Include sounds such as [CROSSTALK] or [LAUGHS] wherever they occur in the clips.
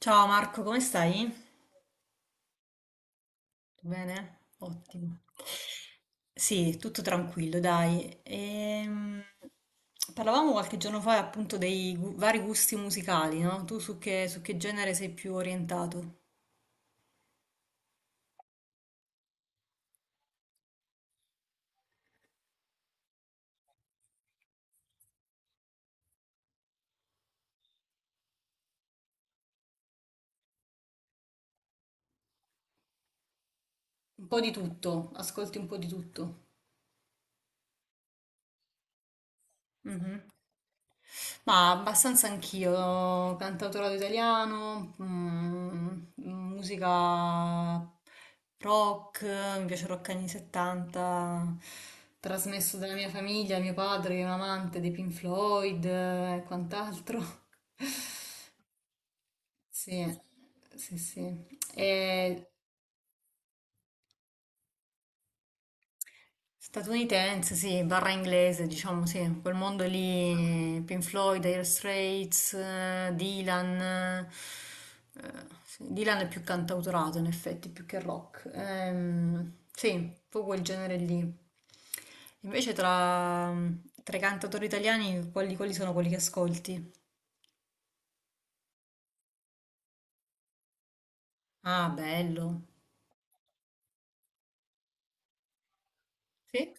Ciao Marco, come stai? Bene? Ottimo. Sì, tutto tranquillo, dai. Parlavamo qualche giorno fa appunto dei vari gusti musicali, no? Tu su che genere sei più orientato? Un po' di tutto, ascolti un po' di tutto. Mhm. Ma abbastanza anch'io, cantautorato italiano, mm, musica rock, mi piace il rock anni 70, trasmesso dalla mia famiglia, mio padre che è un amante dei Pink Floyd e quant'altro. Sì, sì, sì. E statunitense, sì, barra inglese, diciamo, sì, quel mondo lì, Pink Floyd, Dire Straits, Dylan, sì, Dylan è più cantautorato in effetti, più che rock. Sì, un po' quel genere lì. Invece tra, tra i cantautori italiani, quali sono quelli che ascolti? Ah, bello, sì?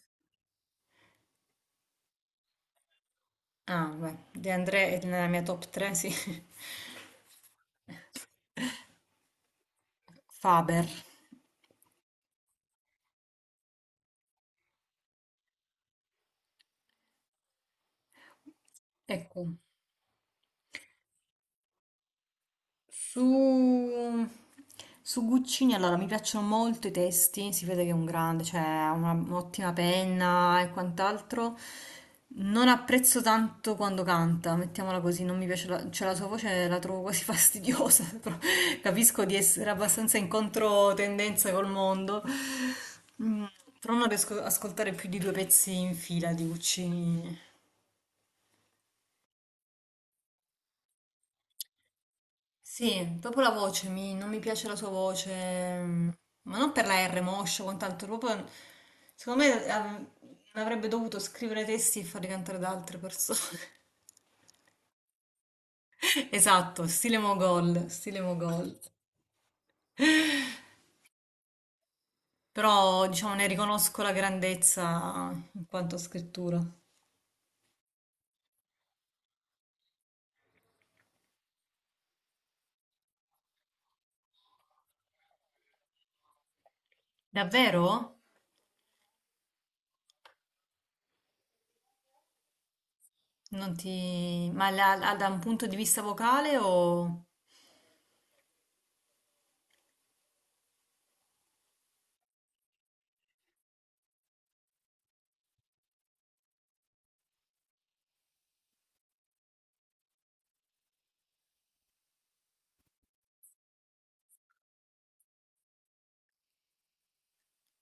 Ah, beh, De André è nella mia top 3, sì, [LAUGHS] Faber, ecco. Su, su Guccini, allora mi piacciono molto i testi, si vede che è un grande, cioè ha un'ottima penna e quant'altro. Non apprezzo tanto quando canta, mettiamola così, non mi piace la, cioè la sua voce la trovo quasi [LAUGHS] fastidiosa, però capisco di essere abbastanza in controtendenza col mondo. Mm, però non riesco ad ascoltare più di due pezzi in fila di Guccini. Sì, proprio la voce, non mi piace la sua voce, mm, ma non per la R moscia, quant'altro, proprio, secondo me avrebbe dovuto scrivere testi e farli cantare da altre persone. [LAUGHS] Esatto, stile Mogol, stile Mogol. Però, diciamo, ne riconosco la grandezza in quanto a scrittura. Davvero? Non ti... Ma da un punto di vista vocale o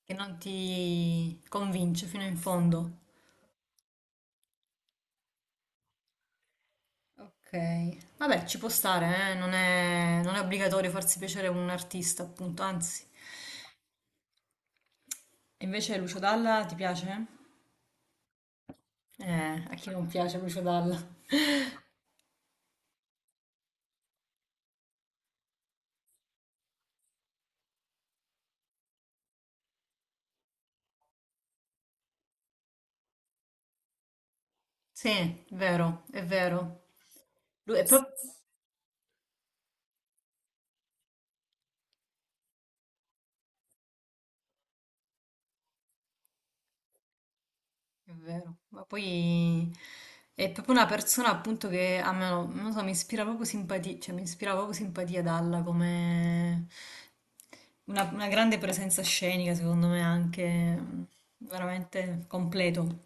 che non ti convince fino in fondo? Ok, vabbè, ci può stare, eh. Non è, non è obbligatorio farsi piacere un artista, appunto, anzi. E invece Lucio Dalla ti piace? A chi non piace Lucio Dalla? Sì, è vero, è vero. Lui è proprio... È vero, ma poi è proprio una persona appunto che a me, non lo so, mi ispira proprio simpatia, cioè mi ispira proprio simpatia Dalla come una grande presenza scenica, secondo me anche, mm, veramente completo.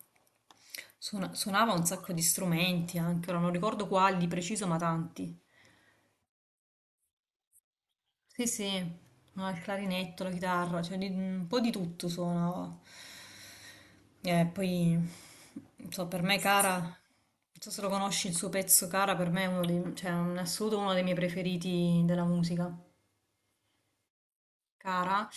Suonava un sacco di strumenti anche, ora non ricordo quali di preciso, ma tanti. Sì, sì, ma il clarinetto, la chitarra, cioè un po' di tutto suonava. E poi, non so, per me Cara, non so se lo conosci il suo pezzo Cara, per me è uno dei, cioè, in assoluto uno dei miei preferiti della musica. Cara,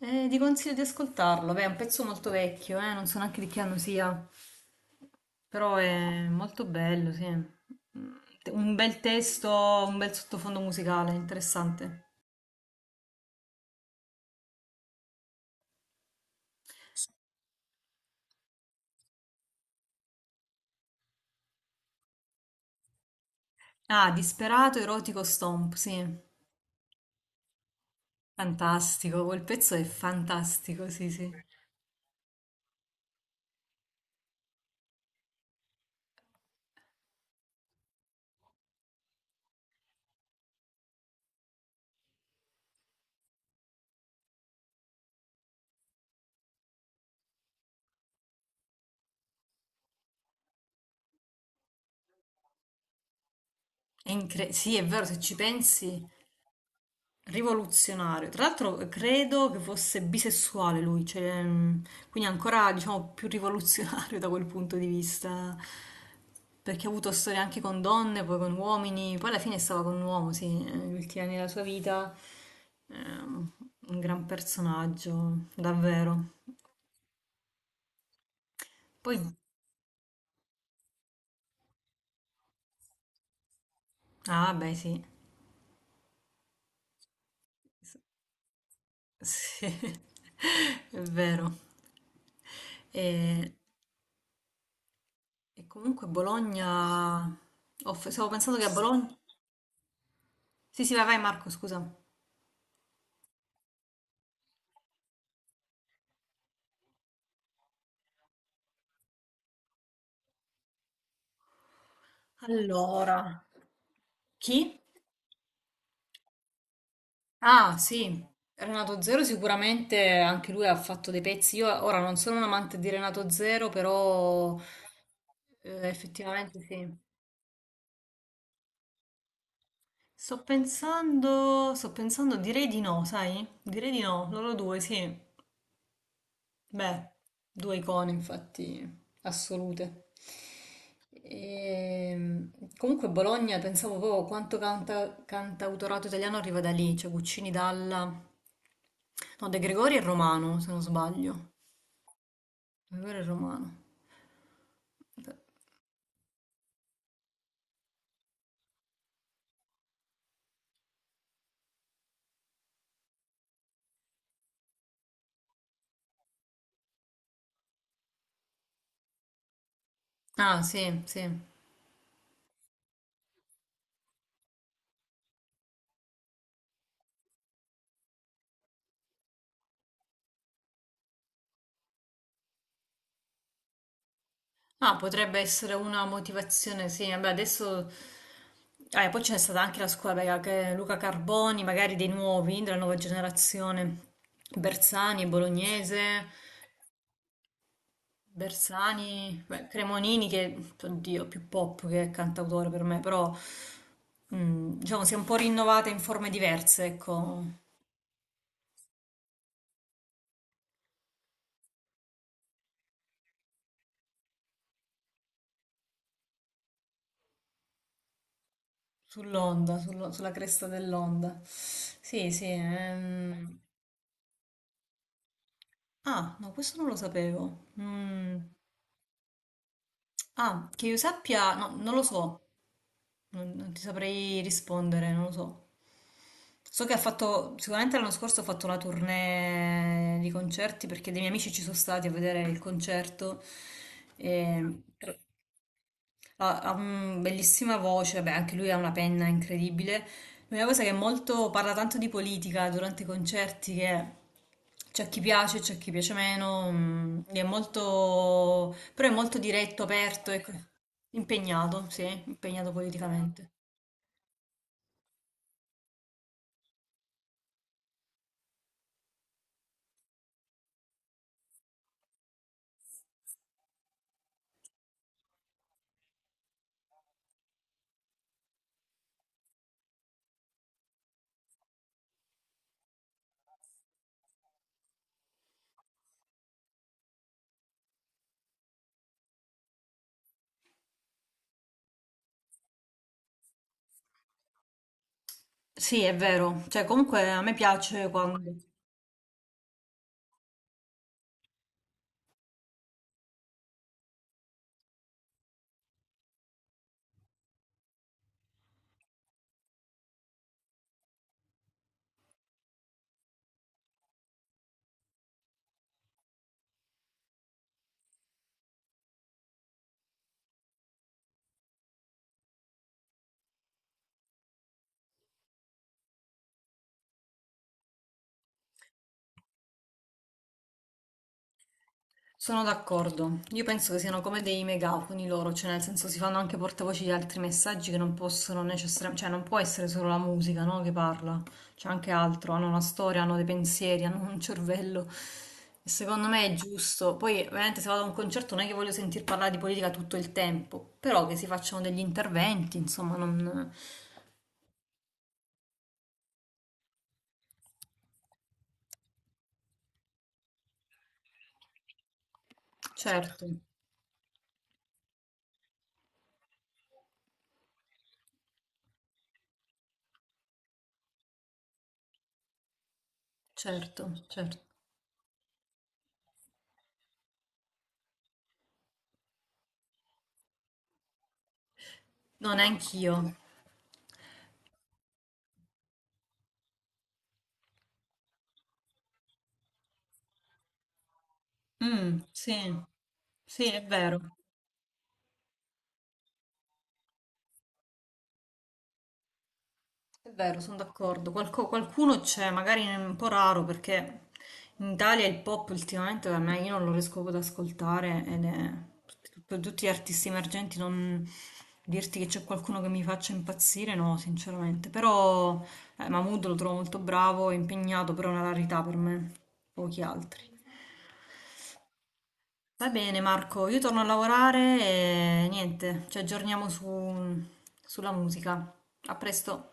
e ti consiglio di ascoltarlo, beh, è un pezzo molto vecchio, non so neanche di che anno sia. Però è molto bello, sì. Mm, un bel testo, un bel sottofondo musicale, interessante. Ah, Disperato Erotico Stomp, sì. Fantastico, quel pezzo è fantastico, sì, sì. Sì, è vero, se ci pensi, rivoluzionario. Tra l'altro credo che fosse bisessuale lui, cioè, quindi ancora diciamo più rivoluzionario da quel punto di vista, perché ha avuto storie anche con donne, poi con uomini, poi alla fine stava con un uomo, sì, negli ultimi anni della sua vita. ehm, un gran personaggio, davvero. Poi, ah beh sì, sì, [LAUGHS] è vero. E, e comunque Bologna, stavo pensando che a Bologna... Sì, sì, vai Marco, scusa. Allora, chi? Ah, sì. Renato Zero sicuramente anche lui ha fatto dei pezzi. Io ora non sono un amante di Renato Zero, però effettivamente sì. Sto pensando, direi di no, sai? Direi di no, loro due, sì. Beh, due icone infatti assolute. Ehm, comunque Bologna, pensavo proprio quanto canta, cantautorato italiano arriva da lì, cioè Guccini, Dalla, no, De Gregori è romano, se non sbaglio. De Gregori è romano. Ah, sì, sì. Ah, potrebbe essere una motivazione, sì. Vabbè, adesso... Ah, e poi c'è stata anche la scuola, raga, che Luca Carboni, magari dei nuovi, della nuova generazione. Bersani, è bolognese, Bersani, beh, Cremonini, che, oddio, più pop che cantautore per me, però, mm, diciamo, si è un po' rinnovata in forme diverse, ecco, sull'onda, sulla cresta dell'onda. Sì, sì. Ah, no, questo non lo sapevo. Mm. Ah, che io sappia, no, non lo so, non ti saprei rispondere, non lo so. So che ha fatto, sicuramente l'anno scorso ha fatto la tournée di concerti perché dei miei amici ci sono stati a vedere il concerto. E, ha, bellissima voce, beh, anche lui ha una penna incredibile. L'unica cosa che è molto, parla tanto di politica durante i concerti, che c'è chi piace meno, mm, è molto, però è molto diretto, aperto, ecco. Impegnato, sì, impegnato politicamente. Sì, è vero, cioè comunque a me piace quando... Sono d'accordo. Io penso che siano come dei megafoni loro, cioè nel senso si fanno anche portavoci di altri messaggi che non possono necessariamente, cioè non può essere solo la musica, no, che parla, c'è anche altro, hanno una storia, hanno dei pensieri, [LAUGHS] hanno un cervello. E secondo me è giusto. Poi, ovviamente, se vado a un concerto non è che voglio sentir parlare di politica tutto il tempo, però che si facciano degli interventi, insomma, non... Certo, certo, certo. No, neanch'io. Mm, sì, sì, è vero. È vero, sono d'accordo. Qualcuno c'è, magari è un po' raro perché in Italia il pop ultimamente da me io non lo riesco proprio ad ascoltare ed è per tutti gli artisti emergenti non dirti che c'è qualcuno che mi faccia impazzire, no, sinceramente. Però Mahmood lo trovo molto bravo, impegnato, però è una rarità per me, pochi altri. Va bene Marco, io torno a lavorare e niente, ci aggiorniamo sulla musica. A presto.